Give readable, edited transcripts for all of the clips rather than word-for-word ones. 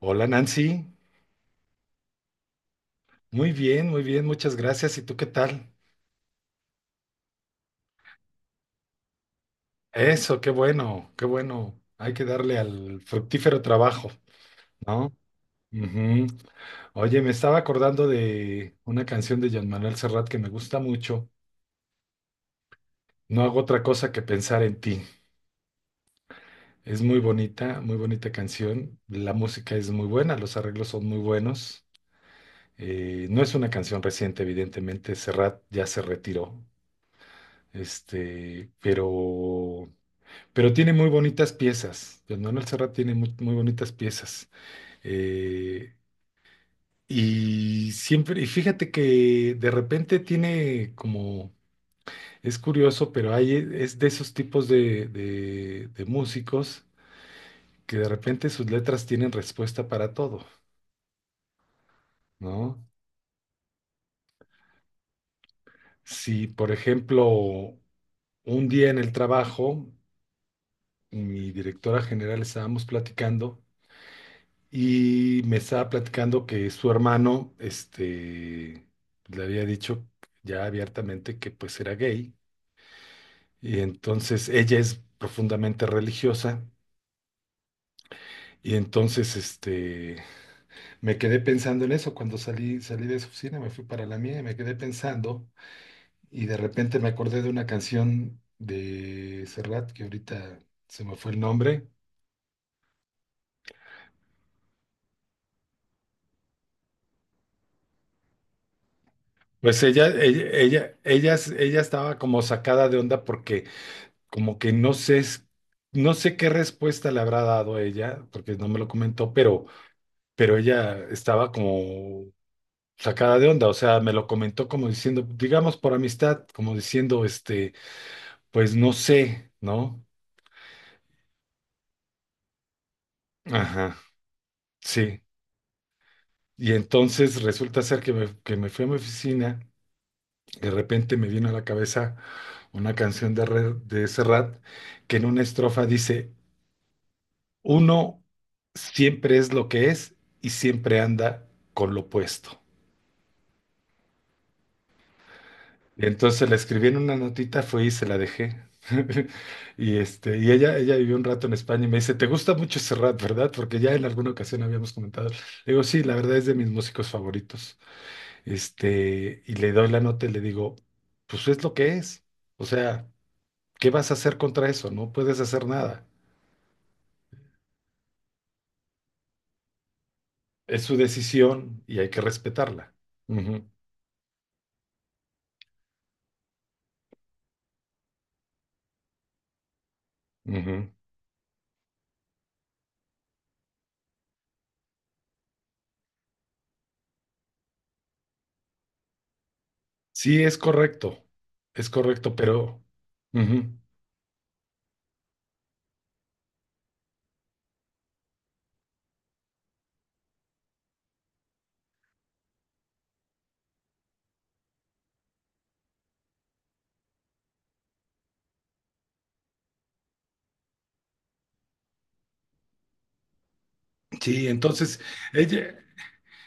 Hola Nancy, muy bien, muchas gracias. ¿Y tú qué tal? Eso, qué bueno, qué bueno. Hay que darle al fructífero trabajo, ¿no? Ujú. Oye, me estaba acordando de una canción de Jean Manuel Serrat que me gusta mucho. No hago otra cosa que pensar en ti. Es muy bonita canción. La música es muy buena, los arreglos son muy buenos. No es una canción reciente, evidentemente. Serrat ya se retiró. Este, pero Pero tiene muy bonitas piezas. Don Manuel Serrat tiene muy, muy bonitas piezas. Eh, y siempre, y fíjate que de repente tiene como, es curioso, pero hay, es de esos tipos de, músicos que de repente sus letras tienen respuesta para todo, ¿no? Si, por ejemplo, un día en el trabajo, mi directora general estábamos platicando. Y me estaba platicando que su hermano, le había dicho ya abiertamente que pues era gay. Y entonces ella es profundamente religiosa. Y entonces, me quedé pensando en eso cuando salí de su oficina, me fui para la mía y me quedé pensando. Y de repente me acordé de una canción de Serrat, que ahorita se me fue el nombre. Pues ella estaba como sacada de onda porque como que no sé, no sé qué respuesta le habrá dado ella, porque no me lo comentó, pero ella estaba como sacada de onda, o sea, me lo comentó como diciendo, digamos por amistad, como diciendo, pues no sé, ¿no? Ajá, sí. Y entonces resulta ser que me fui a mi oficina, de repente me vino a la cabeza una canción de Serrat que en una estrofa dice, uno siempre es lo que es y siempre anda con lo opuesto. Y entonces le escribí en una notita, fui y se la dejé. Y ella vivió un rato en España y me dice, ¿te gusta mucho Serrat, verdad? Porque ya en alguna ocasión habíamos comentado. Le digo, sí, la verdad es de mis músicos favoritos. Y le doy la nota y le digo, pues es lo que es. O sea, ¿qué vas a hacer contra eso? No puedes hacer nada. Es su decisión y hay que respetarla. Ujú, ujú. Sí, es correcto, pero ujú, sí, entonces ella,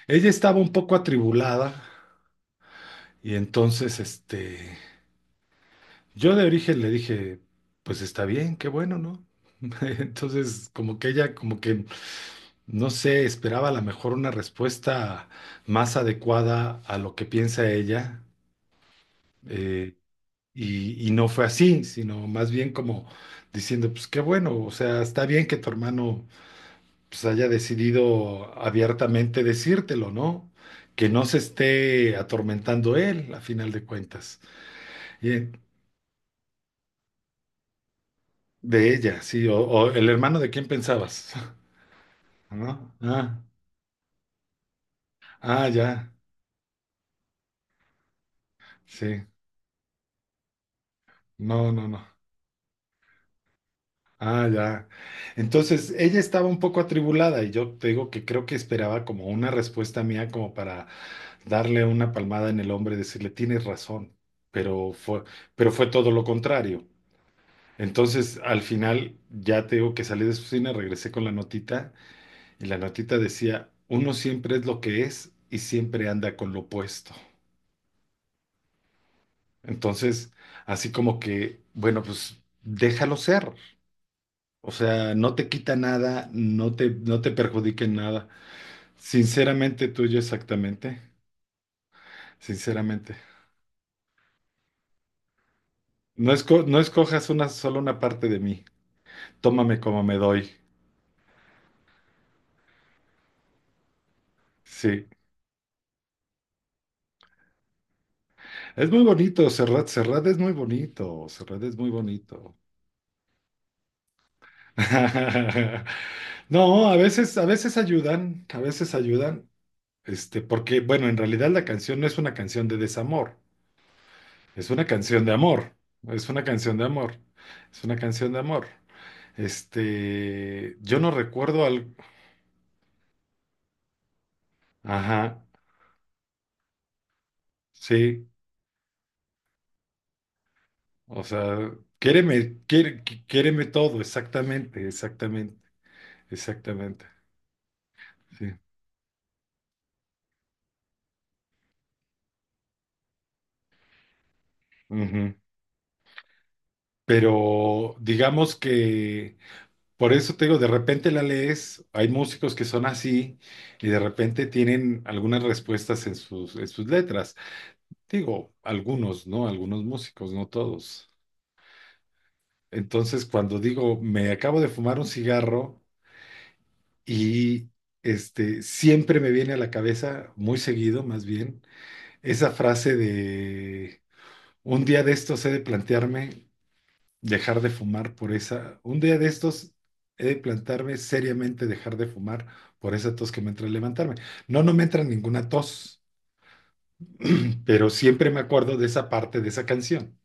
ella estaba un poco atribulada y entonces, yo de origen le dije, pues está bien, qué bueno, ¿no? Entonces, como que ella, como que, no sé, esperaba a lo mejor una respuesta más adecuada a lo que piensa ella, eh, y no fue así, sino más bien como diciendo, pues qué bueno, o sea, está bien que tu hermano pues haya decidido abiertamente decírtelo, ¿no? Que no se esté atormentando él, a final de cuentas. Y de ella, sí, o el hermano de quién pensabas, ¿no? Ah, ah, ya, sí, no, no, no. Ah, ya. Entonces, ella estaba un poco atribulada y yo te digo que creo que esperaba como una respuesta mía como para darle una palmada en el hombro y decirle, tienes razón, pero fue, pero fue todo lo contrario. Entonces, al final, ya te digo que salí de su oficina, regresé con la notita y la notita decía, uno siempre es lo que es y siempre anda con lo opuesto. Entonces, así como que, bueno, pues déjalo ser. O sea, no te quita nada, no te perjudica en nada. Sinceramente tuyo, exactamente, sinceramente. No escojas una, solo una parte de mí. Tómame como me doy. Sí. Es muy bonito, Serrat. Serrat es muy bonito. Serrat es muy bonito. No, a veces ayudan, porque, bueno, en realidad la canción no es una canción de desamor, es una canción de amor, es una canción de amor, es una canción de amor. Yo no recuerdo al, ajá, sí, o sea, quiéreme todo, exactamente, exactamente, exactamente, sí. Ujú. Pero digamos que Por eso te digo, de repente la lees, hay músicos que son así y de repente tienen algunas respuestas en sus letras. Digo, algunos, ¿no? Algunos músicos, no todos. Entonces, cuando digo, me acabo de fumar un cigarro y siempre me viene a la cabeza, muy seguido más bien, esa frase de, un día de estos he de plantearme dejar de fumar por esa. Un día de estos he de plantarme seriamente dejar de fumar por esa tos que me entra al levantarme. No, no me entra ninguna tos, pero siempre me acuerdo de esa parte de esa canción.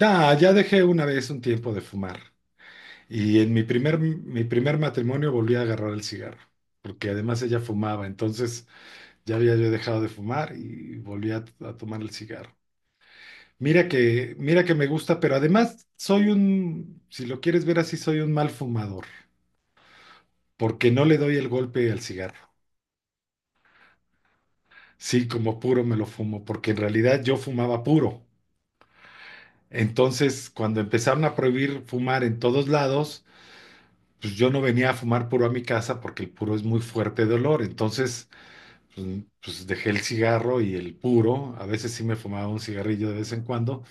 Da, ya dejé una vez un tiempo de fumar. Y en mi primer matrimonio volví a agarrar el cigarro, porque además ella fumaba, entonces ya había yo dejado de fumar y volví a tomar el cigarro. Mira que me gusta, pero además soy un, si lo quieres ver así, soy un mal fumador, porque no le doy el golpe al cigarro. Sí, como puro me lo fumo, porque en realidad yo fumaba puro. Entonces, cuando empezaron a prohibir fumar en todos lados, pues yo no venía a fumar puro a mi casa porque el puro es muy fuerte de olor. Entonces, pues, pues dejé el cigarro y el puro. A veces sí me fumaba un cigarrillo de vez en cuando.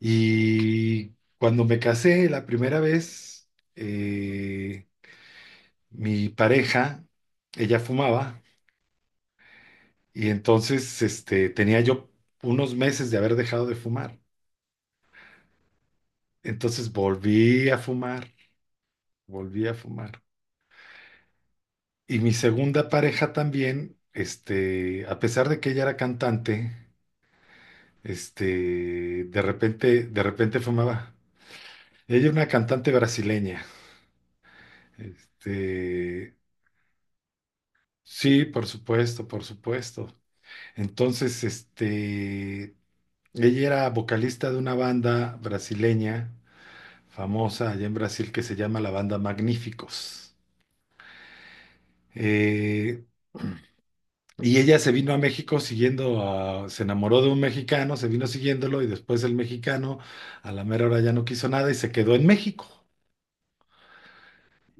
Y cuando me casé la primera vez, eh, mi pareja, ella fumaba y entonces tenía yo unos meses de haber dejado de fumar. Entonces volví a fumar, volví a fumar. Y mi segunda pareja también, a pesar de que ella era cantante, de repente fumaba. Ella era una cantante brasileña. Este, sí, por supuesto, por supuesto. Entonces, ella era vocalista de una banda brasileña famosa allá en Brasil que se llama la banda Magníficos. Eh, y ella se vino a México se enamoró de un mexicano, se vino siguiéndolo y después el mexicano a la mera hora ya no quiso nada y se quedó en México.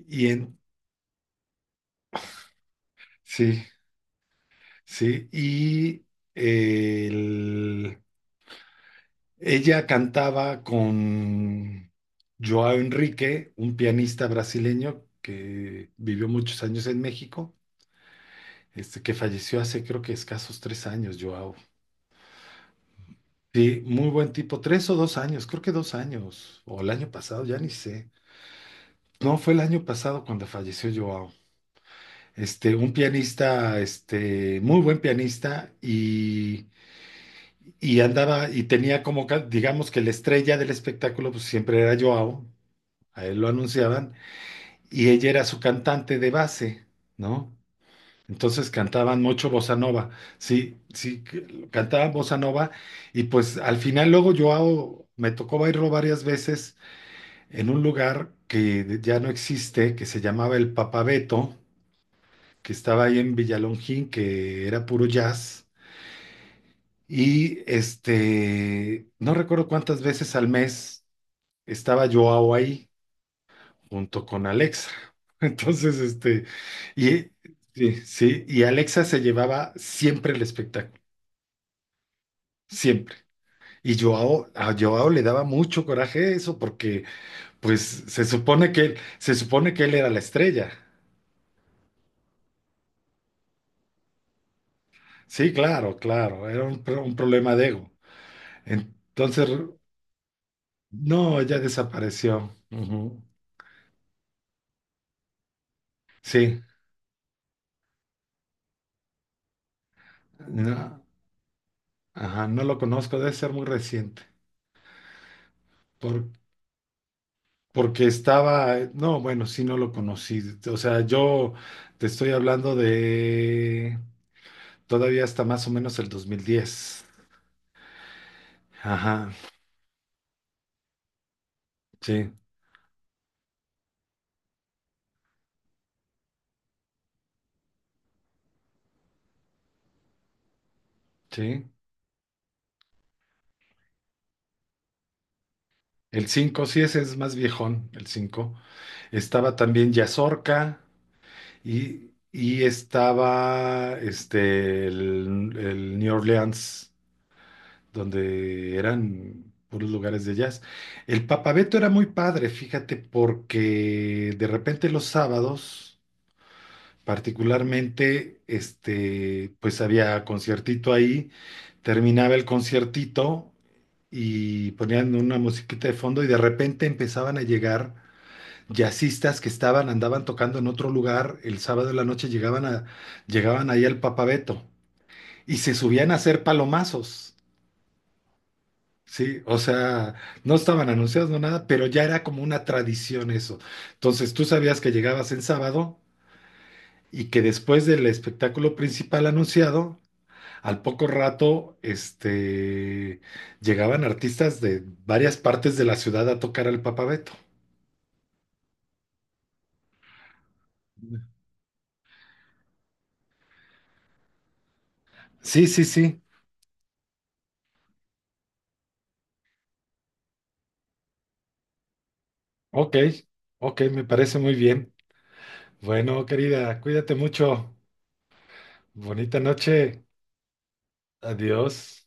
Y en, sí, sí, y eh, el- ella cantaba con Joao Enrique, un pianista brasileño que vivió muchos años en México, que falleció hace creo que escasos tres años, Joao. Sí, muy buen tipo, tres o dos años, creo que dos años, o el año pasado, ya ni sé. No, fue el año pasado cuando falleció Joao. Un pianista, muy buen pianista y andaba y tenía como, digamos que la estrella del espectáculo, pues siempre era Joao, a él lo anunciaban, y ella era su cantante de base, ¿no? Entonces cantaban mucho bossa nova, sí, sí, cantaban bossa nova y pues al final luego me tocó bailar varias veces en un lugar que ya no existe, que se llamaba el Papabeto, que estaba ahí en Villalongín, que era puro jazz y no recuerdo cuántas veces al mes estaba yo ahí junto con Alexa. Entonces, y sí, sí, y Alexa se llevaba siempre el espectáculo. Siempre. Y Joao, a Joao le daba mucho coraje eso porque pues se supone que él era la estrella. Sí, claro, claro, era un problema de ego. Entonces, no, ya desapareció. Ujú. Sí, no, ajá, no lo conozco, debe ser muy reciente. Por- Porque estaba, no, bueno, sí, no lo conocí. O sea, yo te estoy hablando de todavía hasta más o menos el 2010. Ajá, sí. Sí, el 5 sí, ese es más viejón, el cinco. Estaba también Yazorca y estaba el New Orleans, donde eran puros lugares de jazz. El Papabeto era muy padre, fíjate, porque de repente los sábados, particularmente, pues había conciertito ahí. Terminaba el conciertito y ponían una musiquita de fondo y de repente empezaban a llegar jazzistas que estaban, andaban tocando en otro lugar, el sábado de la noche llegaban ahí al Papabeto y se subían a hacer palomazos. Sí, o sea, no estaban anunciados, no nada, pero ya era como una tradición eso. Entonces tú sabías que llegabas en sábado y que después del espectáculo principal anunciado, al poco rato, llegaban artistas de varias partes de la ciudad a tocar al Papa Beto. Sí, sí, sí. Ok, ok, me parece muy bien. Bueno, querida, cuídate mucho. Bonita noche. Adiós.